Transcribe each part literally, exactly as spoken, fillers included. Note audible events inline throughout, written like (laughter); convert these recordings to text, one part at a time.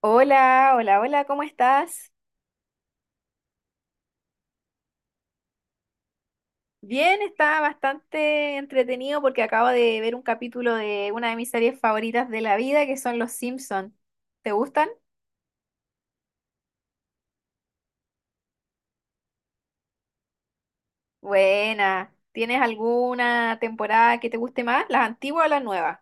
Hola, hola, hola, ¿cómo estás? Bien, está bastante entretenido porque acabo de ver un capítulo de una de mis series favoritas de la vida, que son Los Simpson. ¿Te gustan? Buena. ¿Tienes alguna temporada que te guste más? ¿Las antiguas o las nuevas?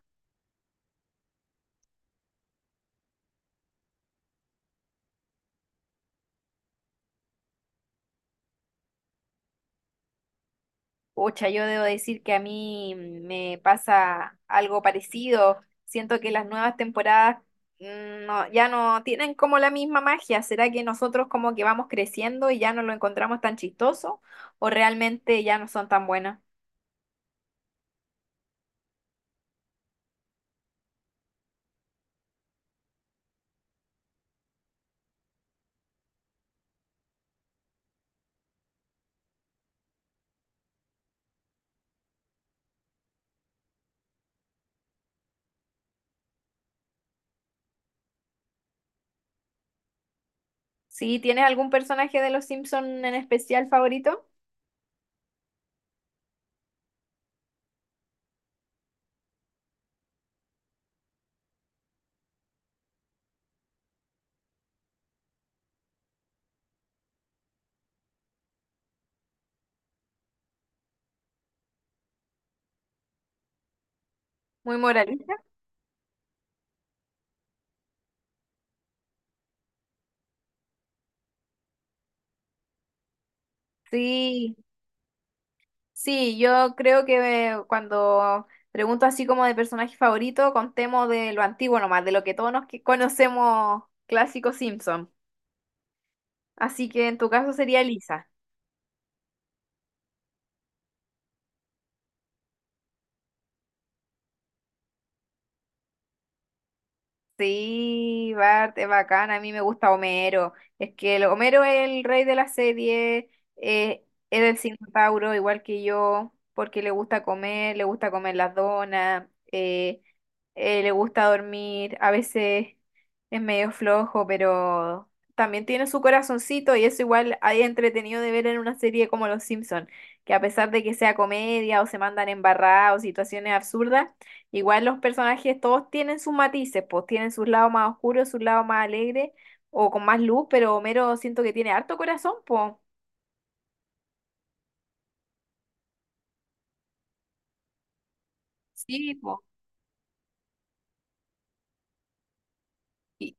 Pucha, yo debo decir que a mí me pasa algo parecido. Siento que las nuevas temporadas mm, no, ya no tienen como la misma magia. ¿Será que nosotros como que vamos creciendo y ya no lo encontramos tan chistoso o realmente ya no son tan buenas? Sí, ¿tienes algún personaje de los Simpson en especial favorito? Muy moralista. Sí. Sí, yo creo que eh, cuando pregunto así como de personaje favorito, contemos de lo antiguo nomás, de lo que todos nos que- conocemos, clásico Simpson. Así que en tu caso sería Lisa. Sí, Bart es bacán, a mí me gusta Homero. Es que el, Homero es el rey de la serie, eh, es el centauro, igual que yo, porque le gusta comer, le gusta comer las donas, eh, eh, le gusta dormir, a veces es medio flojo, pero también tiene su corazoncito y eso igual hay entretenido de ver en una serie como Los Simpson, que a pesar de que sea comedia o se mandan embarrados, situaciones absurdas, igual los personajes todos tienen sus matices, pues tienen sus lados más oscuros, sus lados más alegres o con más luz, pero Homero siento que tiene harto corazón, pues. Sí, pues. Y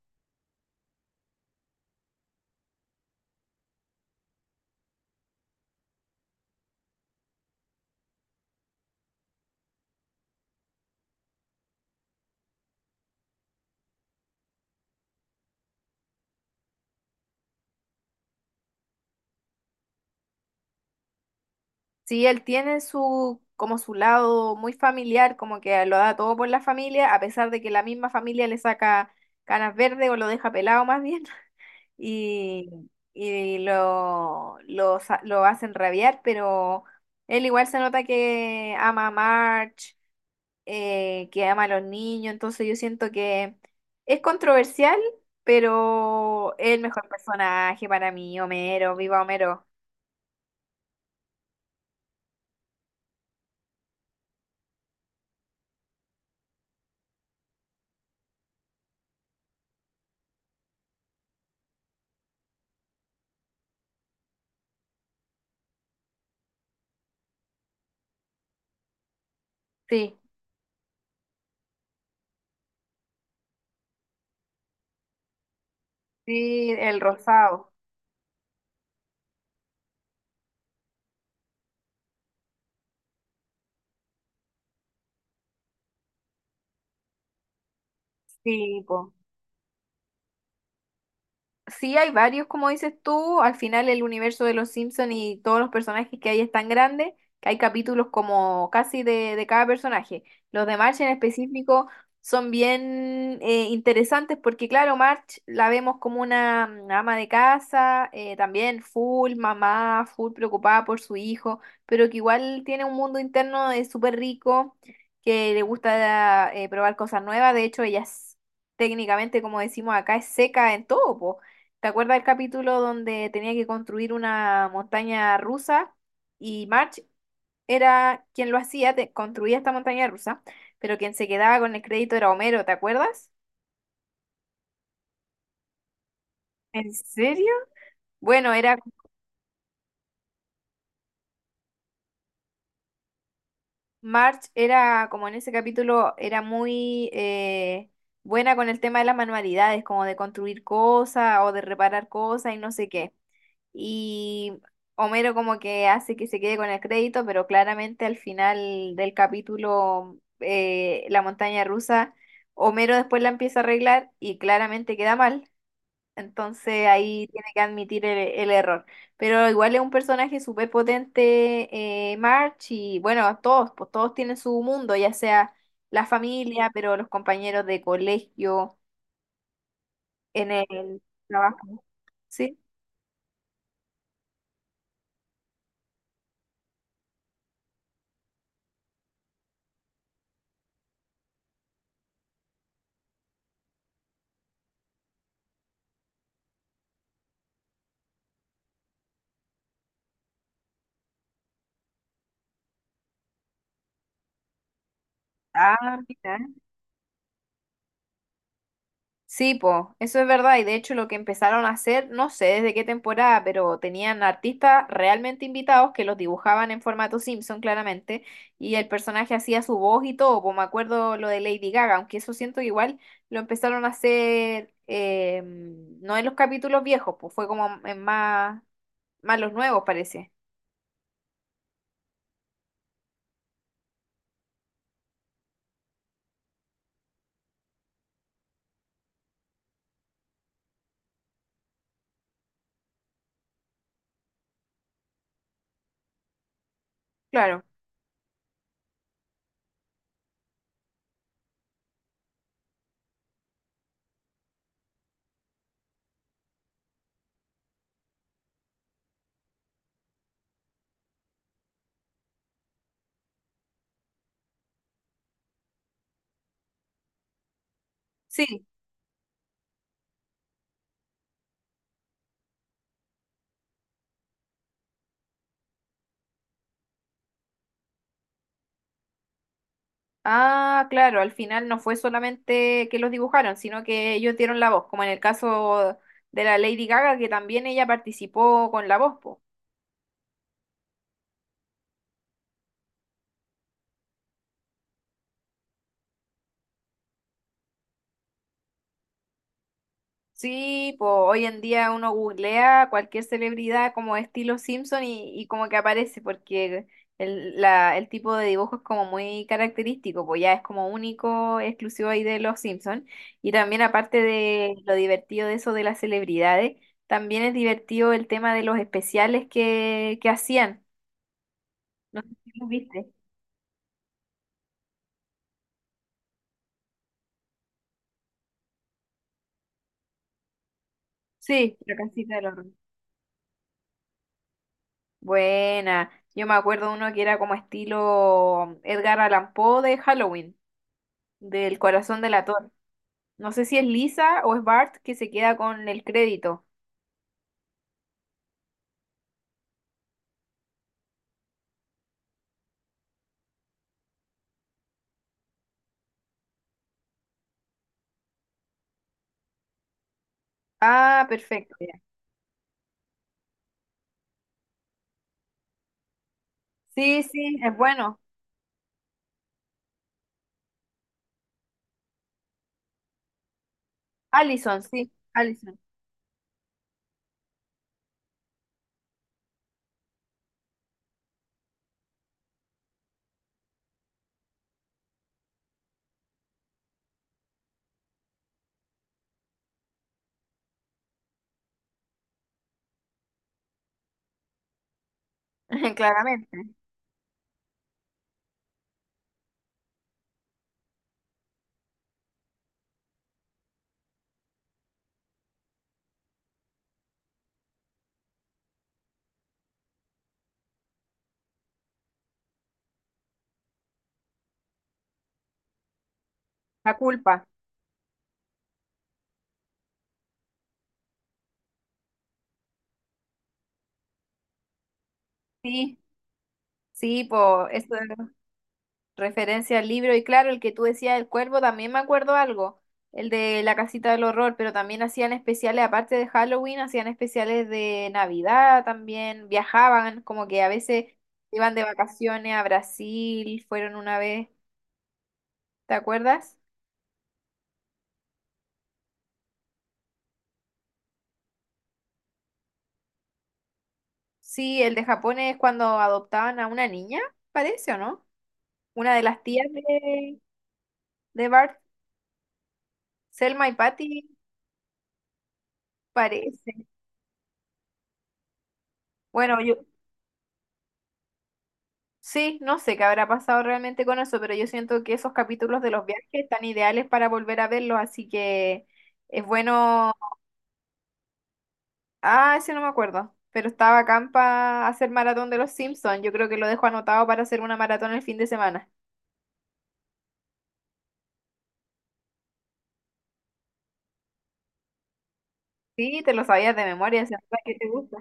sí, él tiene su como su lado muy familiar, como que lo da todo por la familia, a pesar de que la misma familia le saca canas verdes o lo deja pelado más bien (laughs) y, y lo, lo, sa- lo hacen rabiar, pero él igual se nota que ama a Marge, eh, que ama a los niños, entonces yo siento que es controversial, pero es el mejor personaje para mí, Homero, viva Homero. Sí, sí, el rosado. Sí, po. Sí, hay varios, como dices tú. Al final el universo de los Simpsons y todos los personajes que hay es tan grande que hay capítulos como casi de, de cada personaje. Los de Marge en específico son bien eh, interesantes porque, claro, Marge la vemos como una mm, ama de casa, eh, también full mamá, full preocupada por su hijo, pero que igual tiene un mundo interno eh, súper rico, que le gusta eh, probar cosas nuevas. De hecho, ella es técnicamente, como decimos acá, es seca en todo, po. ¿Te acuerdas del capítulo donde tenía que construir una montaña rusa y March era quien lo hacía, te- construía esta montaña rusa, pero quien se quedaba con el crédito era Homero, te acuerdas? ¿En serio? Bueno, era, March era como en ese capítulo era muy eh, buena con el tema de las manualidades, como de construir cosas o de reparar cosas y no sé qué. Y Homero como que hace que se quede con el crédito, pero claramente al final del capítulo, eh, la montaña rusa, Homero después la empieza a arreglar y claramente queda mal. Entonces ahí tiene que admitir el, el error. Pero igual es un personaje súper potente, eh, March, y bueno, todos, pues todos tienen su mundo, ya sea la familia, pero los compañeros de colegio, en el trabajo. ¿Sí? Ah, mira. Sí, po, eso es verdad. Y de hecho lo que empezaron a hacer, no sé desde qué temporada, pero tenían artistas realmente invitados que los dibujaban en formato Simpson, claramente, y el personaje hacía su voz y todo, po, me acuerdo lo de Lady Gaga, aunque eso siento que igual lo empezaron a hacer eh, no en los capítulos viejos, pues fue como en más, más los nuevos, parece. Claro. Sí. Ah, claro, al final no fue solamente que los dibujaron, sino que ellos dieron la voz, como en el caso de la Lady Gaga, que también ella participó con la voz, po. Sí, pues hoy en día uno googlea cualquier celebridad como estilo Simpson y, y como que aparece, porque el, la- el tipo de dibujo es como muy característico, pues ya es como único, exclusivo ahí de los Simpson. Y también aparte de lo divertido de eso de las celebridades. También es divertido el tema de los especiales que, que hacían. No sé si lo viste. Sí, la casita del horror. Buena. Yo me acuerdo uno que era como estilo Edgar Allan Poe de Halloween, del corazón del ator. No sé si es Lisa o es Bart que se queda con el crédito. Ah, perfecto, ya. Sí, sí, es bueno. Allison, sí, Allison. (laughs) Claramente. La culpa. Sí, sí, po, eso. Referencia al libro, y claro, el que tú decías del cuervo, también me acuerdo algo, el de la casita del horror, pero también hacían especiales, aparte de Halloween, hacían especiales de Navidad también, viajaban, como que a veces iban de vacaciones a Brasil, fueron una vez, ¿te acuerdas? Sí, el de Japón es cuando adoptaban a una niña, parece, ¿o no? Una de las tías de, de Bart, Selma y Patty, parece. Bueno, yo, sí, no sé qué habrá pasado realmente con eso, pero yo siento que esos capítulos de los viajes están ideales para volver a verlos, así que es bueno. Ah, ese no me acuerdo, pero estaba acá para hacer maratón de los Simpsons. Yo creo que lo dejo anotado para hacer una maratón el fin de semana. Sí, te lo sabías de memoria, es verdad que te gusta.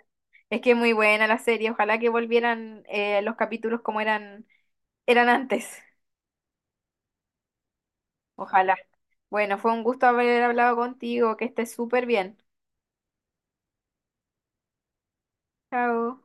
Es que es muy buena la serie, ojalá que volvieran eh, los capítulos como eran, eran antes. Ojalá. Bueno, fue un gusto haber hablado contigo, que estés súper bien. Chao.